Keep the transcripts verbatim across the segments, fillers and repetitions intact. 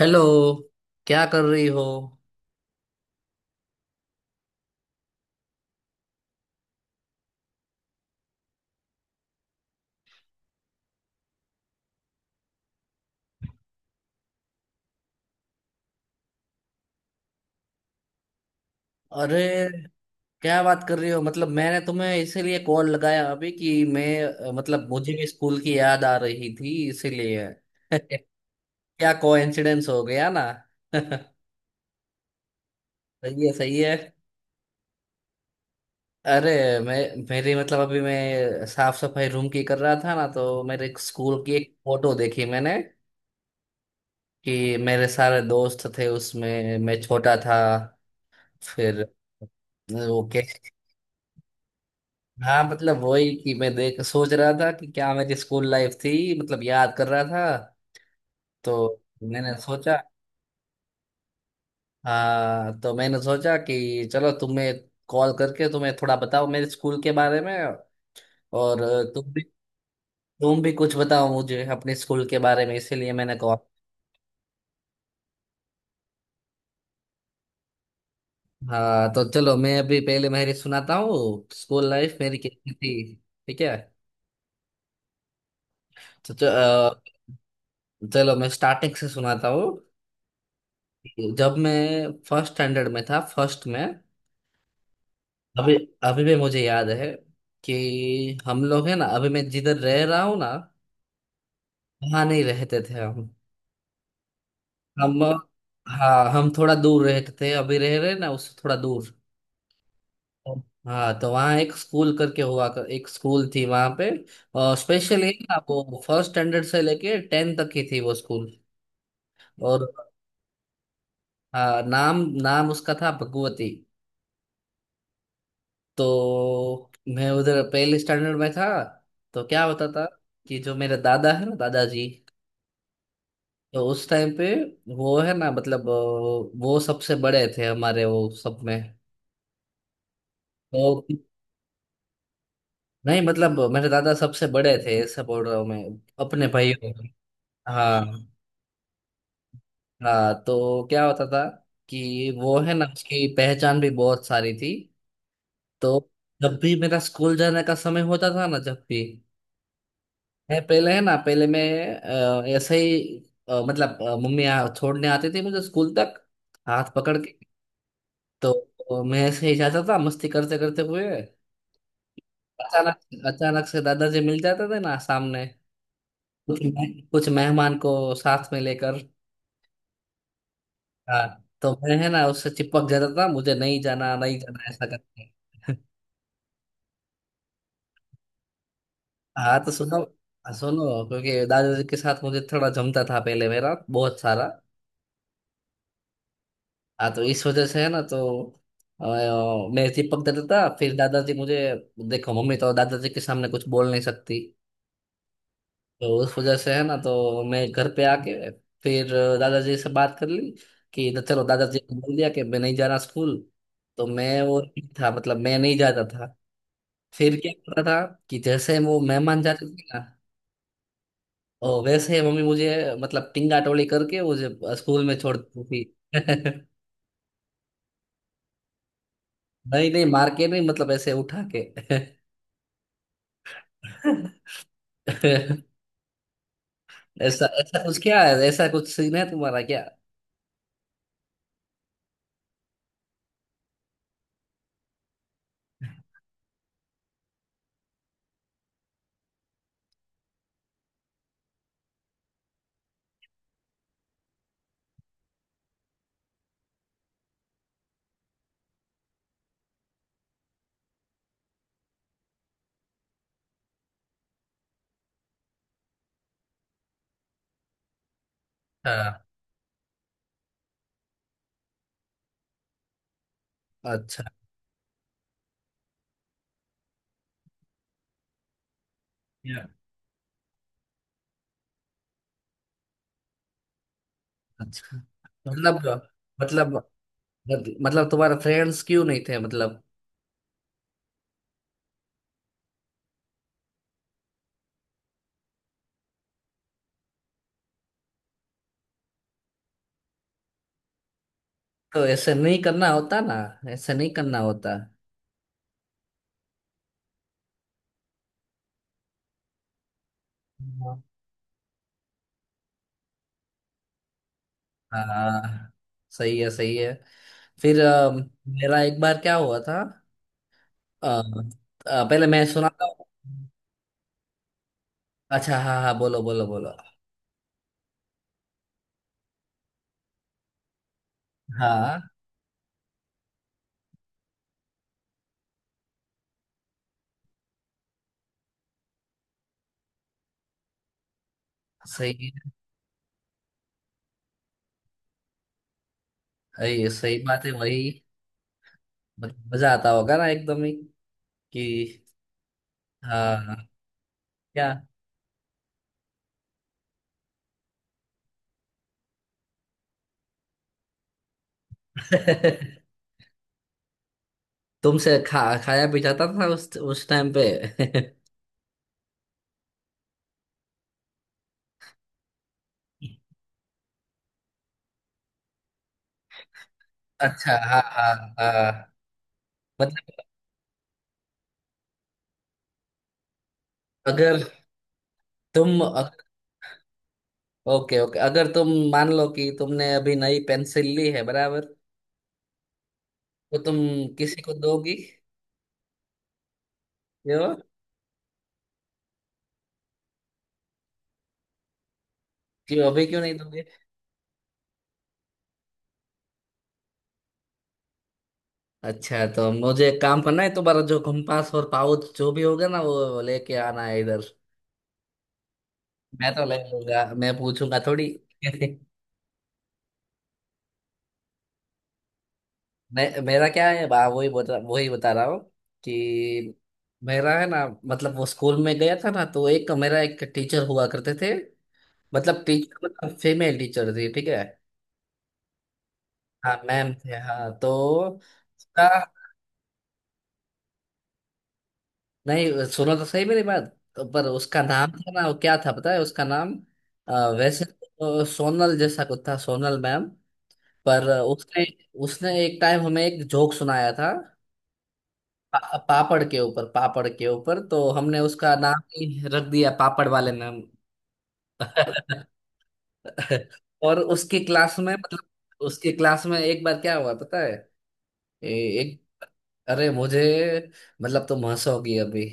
Hello. क्या कर रही हो? अरे क्या बात कर रही हो, मतलब मैंने तुम्हें इसीलिए कॉल लगाया अभी कि मैं अ, मतलब मुझे भी स्कूल की याद आ रही थी इसीलिए क्या कोइंसिडेंस हो गया ना। सही है, सही है। अरे मैं मेरी मतलब अभी मैं साफ सफाई रूम की कर रहा था ना, तो मेरे स्कूल की एक फोटो देखी मैंने कि मेरे सारे दोस्त थे उसमें, मैं छोटा था। फिर वो हाँ मतलब वही कि मैं देख सोच रहा था कि क्या मेरी स्कूल लाइफ थी, मतलब याद कर रहा था। तो मैंने सोचा, हाँ तो मैंने सोचा कि चलो तुम्हें कॉल करके तुम्हें थोड़ा बताओ मेरे स्कूल के बारे में, और तुम भी तुम भी कुछ बताओ मुझे अपने स्कूल के बारे में इसीलिए मैंने कॉल। हाँ तो चलो मैं अभी पहले मेरी सुनाता हूँ स्कूल लाइफ मेरी कैसी थी। ठीक है। तो च- अ, चलो मैं स्टार्टिंग से सुनाता हूँ। जब मैं फर्स्ट स्टैंडर्ड में था, फर्स्ट में। अभी अभी भी मुझे याद है कि हम लोग है ना, अभी मैं जिधर रह रहा हूँ ना, वहाँ नहीं रहते थे हम। हम हाँ हम थोड़ा दूर रहते थे, अभी रह रहे ना उससे थोड़ा दूर। हाँ तो वहाँ एक स्कूल करके हुआ कर, एक स्कूल थी वहाँ पे। और स्पेशली ना वो फर्स्ट स्टैंडर्ड से लेके टेन तक की थी वो स्कूल। और हाँ नाम नाम उसका था भगवती। तो मैं उधर पहले स्टैंडर्ड में था, तो क्या होता था कि जो मेरे दादा है ना, दादाजी, तो उस टाइम पे वो है ना मतलब अ, वो सबसे बड़े थे हमारे वो सब में। तो नहीं मतलब मेरे दादा सबसे बड़े थे ऐसा बोल रहा हूँ मैं अपने भाइयों में। हाँ। हाँ तो क्या होता था कि वो है ना उसकी पहचान भी बहुत सारी थी। तो जब भी मेरा स्कूल जाने का समय होता था ना, जब भी मैं पहले है ना, पहले मैं अ, ऐसे ही अ, मतलब अ, मम्मी आ, छोड़ने आती थी मुझे स्कूल तक, हाथ पकड़ के। तो मैं ऐसे ही जाता था मस्ती करते करते हुए। अचानक अचानक से दादाजी मिल जाते थे ना सामने, कुछ मेह- कुछ मेहमान को साथ में लेकर। हाँ तो मैं है ना उससे चिपक जाता था, मुझे नहीं जाना नहीं जाना ऐसा करके। हाँ तो सुनो, हाँ, सुनो क्योंकि दादाजी के साथ मुझे थोड़ा जमता था पहले, मेरा बहुत सारा। हाँ तो इस वजह से है ना, तो अ, मैं चिपक जाता था फिर दादाजी मुझे, देखो मम्मी तो दादाजी के सामने कुछ बोल नहीं सकती। तो उस वजह से है ना, तो मैं घर पे आके फिर दादाजी से बात कर ली कि, तो चलो दादाजी ने बोल दिया कि मैं नहीं जा रहा स्कूल। तो मैं वो नहीं था, मतलब मैं नहीं जाता था। फिर क्या होता था कि जैसे वो मेहमान जाते थे ना, और वैसे ही मम्मी मुझे, मतलब टिंगा टोली करके मुझे स्कूल में छोड़ देती थी। नहीं नहीं मार के नहीं, मतलब ऐसे उठा के। ऐसा ऐसा कुछ क्या है, ऐसा कुछ सीन है तुम्हारा क्या? हाँ अच्छा या, अच्छा तो मतलब, मतलब मत- मतलब तुम्हारे फ्रेंड्स क्यों नहीं थे, मतलब? तो ऐसे नहीं करना होता ना, ऐसे नहीं करना होता। हाँ। हाँ सही है, सही है। फिर अ, मेरा एक बार क्या हुआ था। अ, अ, पहले मैं सुनाता हूँ। अच्छा हाँ हाँ, बोलो बोलो बोलो। हाँ सही है, ये सही बात है वही। मतलब मजा आता होगा ना एकदम ही कि। हाँ क्या। तुमसे खा खाया भी जाता था उस उस टाइम पे। अच्छा हाँ हाँ हाँ मतलब अगर तुम, ओके ओके, अगर तुम मान लो कि तुमने अभी नई पेंसिल ली है बराबर, तो तुम किसी को दोगी? क्यों? क्यों अभी क्यों नहीं दोगे? अच्छा तो मुझे एक काम करना है, तुम्हारा जो कंपास और पाउच जो भी होगा ना वो लेके आना है इधर। मैं तो ले लूंगा, मैं पूछूंगा थोड़ी। मैं मेरा क्या है बा वही बता वही बता रहा हूँ कि। मेरा है ना मतलब वो स्कूल में गया था ना, तो एक मेरा एक टीचर हुआ करते थे, मतलब टीचर मतलब फीमेल टीचर थी ठीक है। हाँ मैम थे हाँ तो उसका, नहीं सुनो तो सही मेरी बात। तो पर उसका नाम था ना, वो क्या था पता है उसका नाम? अ, वैसे तो सोनल जैसा कुछ था, सोनल मैम। पर उसने, उसने एक टाइम हमें एक जोक सुनाया था, पा, पापड़ के ऊपर, पापड़ के ऊपर, तो हमने उसका नाम ही रख दिया पापड़ वाले मैम। और उसकी क्लास में मतलब उसकी क्लास में एक बार क्या हुआ पता है? ए, एक, अरे मुझे, मतलब तुम हंसोगी अभी।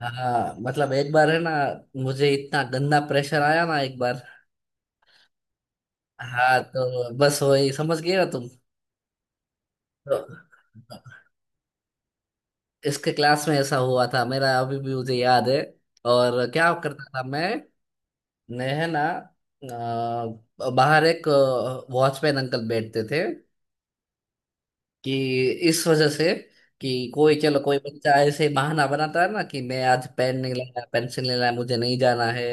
हाँ मतलब एक बार है ना, मुझे इतना गंदा प्रेशर आया ना एक बार। हाँ तो बस वही समझ गए ना तुम। तो इसके क्लास में ऐसा हुआ था मेरा, अभी भी मुझे याद है। और क्या करता था मैं मैं है ना अ, बाहर एक वॉचमैन अंकल बैठते थे कि, इस वजह से कि कोई चलो कोई बच्चा ऐसे बहाना बनाता है ना कि मैं आज पेन नहीं लाया पेंसिल नहीं लाया मुझे नहीं जाना है,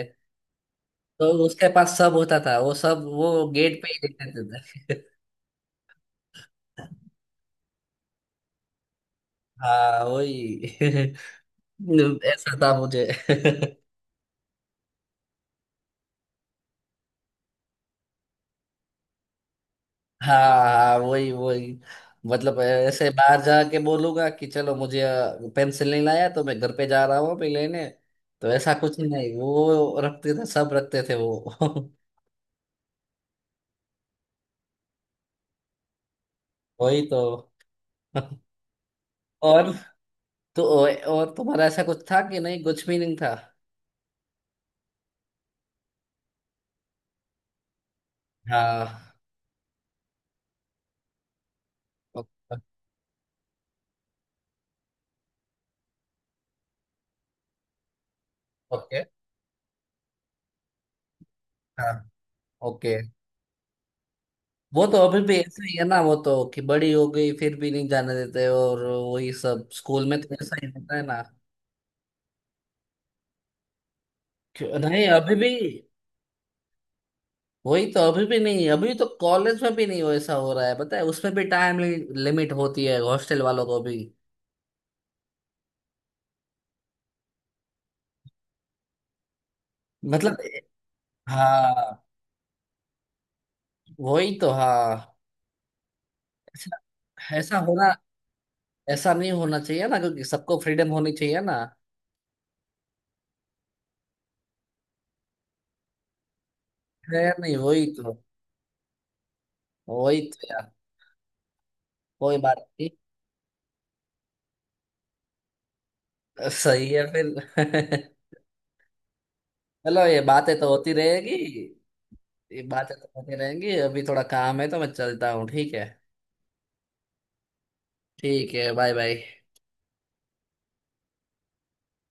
तो उसके पास सब होता था वो, सब वो गेट पे ही देखते थे। हाँ वही। ऐसा था मुझे। हाँ हाँ वही वही, मतलब ऐसे बाहर जाके बोलूंगा कि चलो मुझे पेंसिल नहीं लाया तो मैं घर पे जा रहा हूँ अभी लेने, तो ऐसा कुछ नहीं वो रखते थे, सब रखते थे वो। वही तो। और तो और तुम्हारा ऐसा कुछ था कि नहीं, कुछ भी नहीं था। हाँ ओ- ओ- ओके। हाँ ओके वो तो अभी भी ऐसा ही है ना, वो तो कि बड़ी हो गई फिर भी नहीं जाने देते और वही सब, स्कूल में तो ऐसा ही होता है ना। क्यों- नहीं अभी भी, वही तो अभी भी नहीं, अभी तो कॉलेज में भी नहीं, वो ऐसा हो रहा है पता है, उसमें भी टाइम लिमिट होती है हॉस्टल वालों को भी। मतलब हाँ वही तो हाँ। ऐसा ऐसा होना, ऐसा नहीं होना चाहिए ना, क्योंकि सबको फ्रीडम होनी चाहिए ना। खैर नहीं वही तो, वही तो यार, कोई बात नहीं। सही है फिर। चलो ये बातें तो होती रहेगी। ये बातें तो होती रहेंगी, अभी थोड़ा काम है तो मैं चलता हूँ, ठीक है। ठीक है, बाय बाय।